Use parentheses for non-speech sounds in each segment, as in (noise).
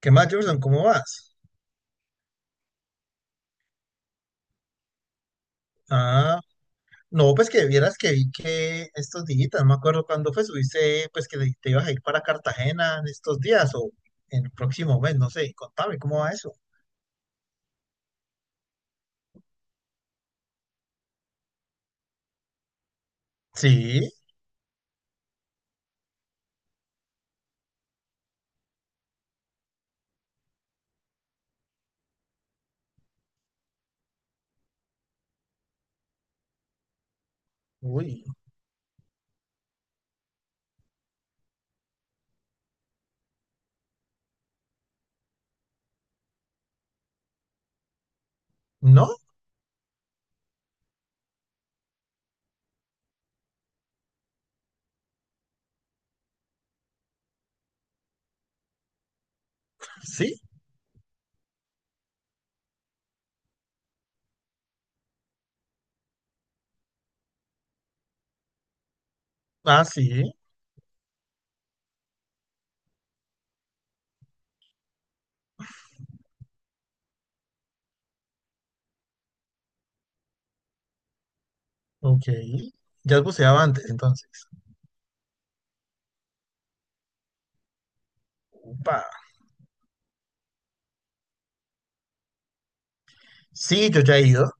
¿Qué más, Jordan? ¿Cómo vas? Ah, no, pues que vieras que vi que estos días, no me acuerdo cuándo fue, subiste, pues que te ibas a ir para Cartagena en estos días o en el próximo mes, no sé, contame, ¿cómo va eso? Sí, uy, ¿no? Sí, ah, sí, ok. ¿Ya has buceado antes, entonces? Upa. Sí, yo ya he ido.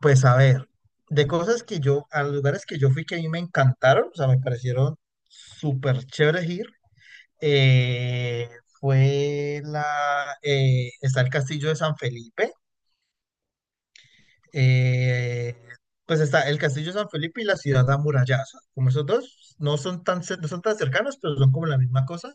Pues a ver, de cosas que yo, a los lugares que yo fui que a mí me encantaron, o sea, me parecieron súper chéveres ir. eh, Fue la, está el castillo de San Felipe. eh, pues está el castillo de San Felipe y la ciudad amurallada, como esos dos no son tan, no son tan cercanos, pero son como la misma cosa,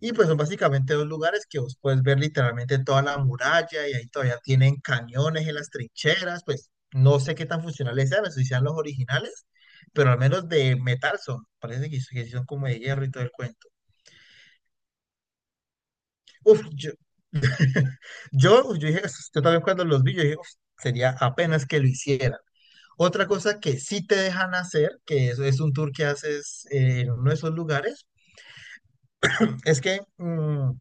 y pues son básicamente dos lugares que vos puedes ver literalmente toda la muralla, y ahí todavía tienen cañones en las trincheras. Pues no sé qué tan funcionales sean, no sé si sean los originales, pero al menos de metal son, parece que sí son como de hierro y todo el cuento. Uf, (laughs) yo, yo dije, "Es- yo también cuando los vi, yo dije, "Uf, sería apenas que lo hicieran". Otra cosa que sí te dejan hacer, que eso es un tour que haces en uno de esos lugares, es que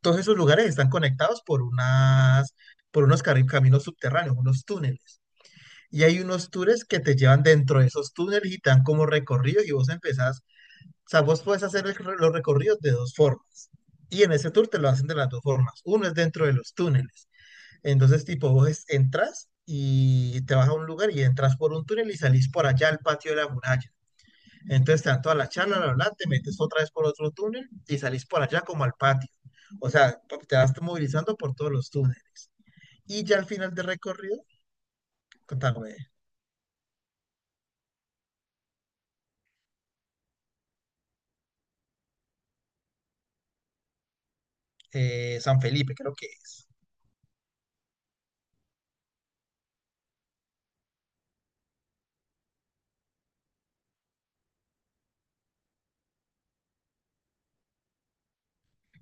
todos esos lugares están conectados por unas, por caminos subterráneos, unos túneles. Y hay unos tours que te llevan dentro de esos túneles y te dan como recorrido y vos empezás, o sea, vos puedes hacer los recorridos de dos formas. Y en ese tour te lo hacen de las dos formas. Uno es dentro de los túneles. Entonces, tipo, vos entras y te vas a un lugar y entras por un túnel y salís por allá al patio de la muralla. Entonces te dan toda la charla, bla, bla, te metes otra vez por otro túnel y salís por allá como al patio. O sea, te vas movilizando por todos los túneles. Y ya al final del recorrido, contame. San Felipe creo que es.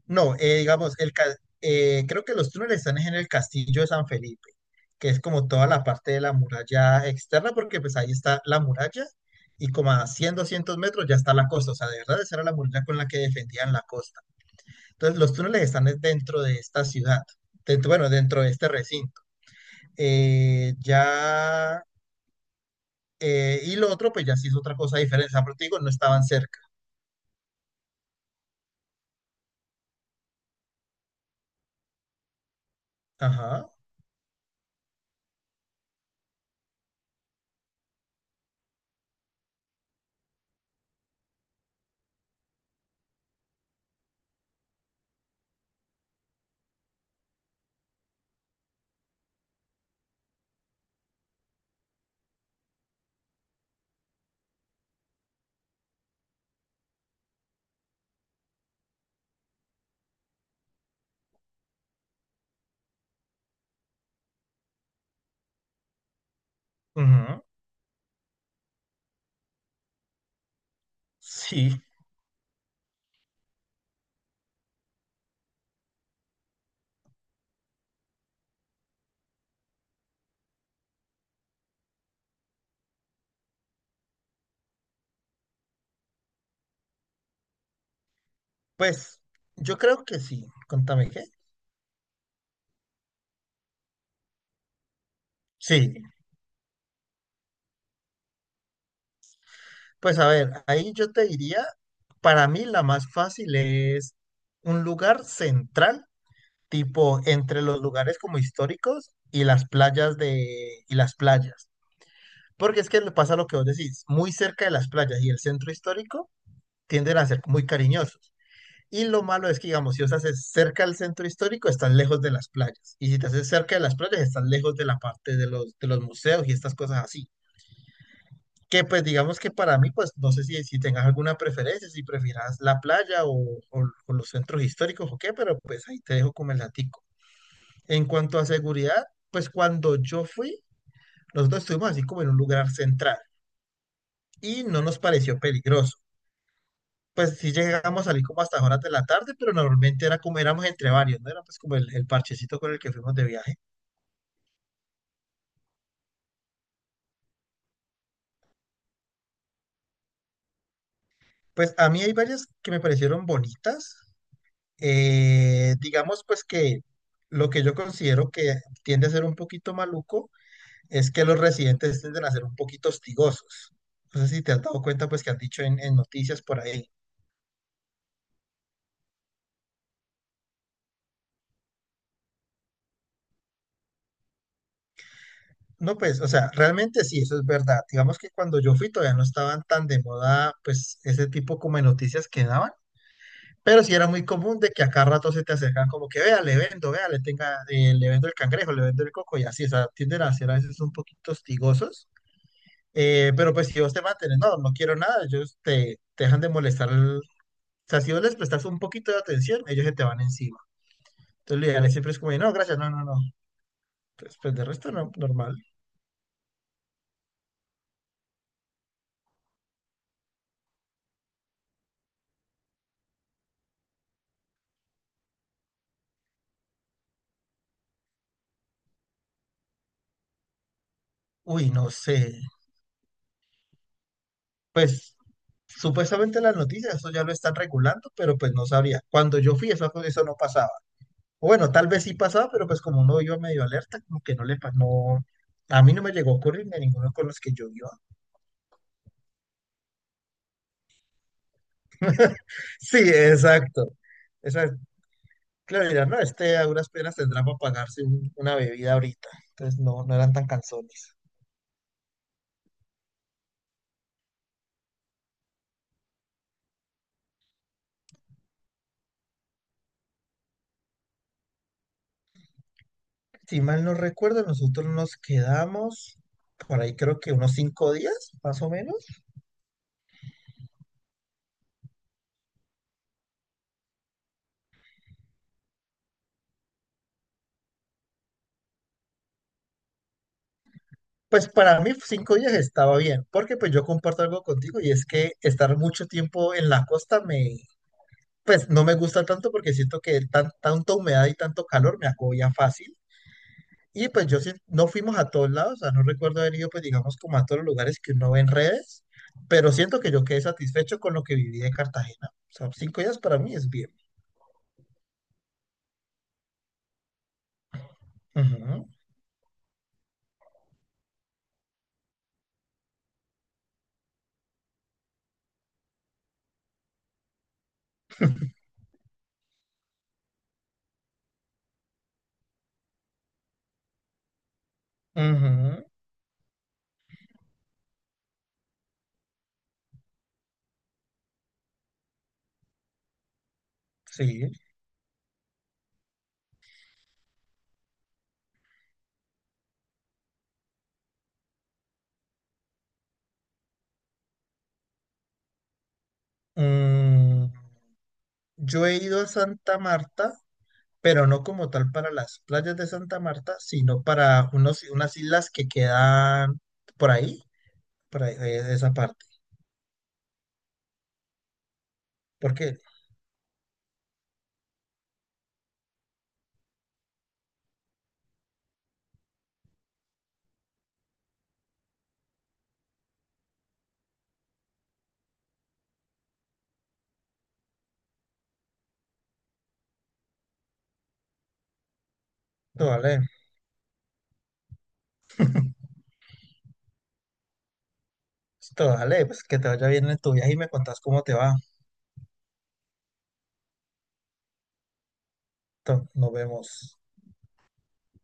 No, digamos, creo que los túneles están en el castillo de San Felipe, que es como toda la parte de la muralla externa, porque pues ahí está la muralla y como a 100, 200 metros ya está la costa, o sea, de verdad esa era la muralla con la que defendían la costa. Entonces los túneles están es dentro de esta ciudad, dentro, bueno, dentro de este recinto. Eh, ya, y lo otro pues ya sí es otra cosa diferente, o sea, pero te digo, no estaban cerca. Ajá, ujú, sí, pues yo creo que sí, contame qué. Sí. Pues a ver, ahí yo te diría, para mí la más fácil es un lugar central, tipo entre los lugares como históricos y las playas, porque es que le pasa lo que vos decís, muy cerca de las playas y el centro histórico tienden a ser muy cariñosos. Y lo malo es que, digamos, si os haces cerca del centro histórico, estás lejos de las playas. Y si te haces cerca de las playas, estás lejos de la parte de los, museos y estas cosas así. Que pues digamos que para mí, pues no sé si, si tengas alguna preferencia, si prefieras la playa o, o los centros históricos o qué, pero pues ahí te dejo como el latico. En cuanto a seguridad, pues cuando yo fui, nosotros estuvimos así como en un lugar central y no nos pareció peligroso. Pues sí llegamos a salir como hasta horas de la tarde, pero normalmente era como éramos entre varios, ¿no? Era pues como el parchecito con el que fuimos de viaje. Pues a mí hay varias que me parecieron bonitas. Digamos pues que lo que yo considero que tiende a ser un poquito maluco es que los residentes tienden a ser un poquito hostigosos. No sé si te has dado cuenta pues que han dicho en noticias por ahí. No, pues, o sea, realmente sí, eso es verdad. Digamos que cuando yo fui todavía no estaban tan de moda pues ese tipo como de noticias que daban, pero sí era muy común de que a cada rato se te acercan como que, vea, le vendo, vea, le tenga, le vendo el cangrejo, le vendo el coco y así, o sea, tienden a ser a veces un poquito hostigosos. Pero pues si vos te mantienes, no, no quiero nada, ellos te dejan de molestar. O sea, si vos les prestas un poquito de atención, ellos se te van encima. Entonces lo ideal es siempre es como, no, gracias, no, no, no. Pues de resto no, normal. Uy, no sé. Pues supuestamente las noticias, eso ya lo están regulando, pero pues no sabría. Cuando yo fui, eso no pasaba. O bueno, tal vez sí pasaba, pero pues como uno iba medio alerta, como que no le pasó. No, a mí no me llegó a ocurrir ni a ninguno con los que yo iba. (laughs) Sí, exacto. Exacto. Claro, mira, no, este a duras penas tendrá para pagarse una bebida ahorita. Entonces no, no eran tan cansones. Si mal no recuerdo, nosotros nos quedamos por ahí creo que unos 5 días, más o menos. Pues para mí 5 días estaba bien, porque pues yo comparto algo contigo y es que estar mucho tiempo en la costa pues no me gusta tanto porque siento que tanta humedad y tanto calor me agobia fácil. Y pues yo sí, no fuimos a todos lados, o sea, no recuerdo haber ido, pues digamos, como a todos los lugares que uno ve en redes, pero siento que yo quedé satisfecho con lo que viví de Cartagena. O sea, 5 días para mí es bien. Ujú, ujú, sí. Mm, yo he ido a Santa Marta, pero no como tal para las playas de Santa Marta, sino para unos, unas islas que quedan por ahí, por ahí, esa parte. Porque, esto vale, esto vale, pues que te vaya bien en tu viaje y me contás cómo te va. Entonces, nos vemos.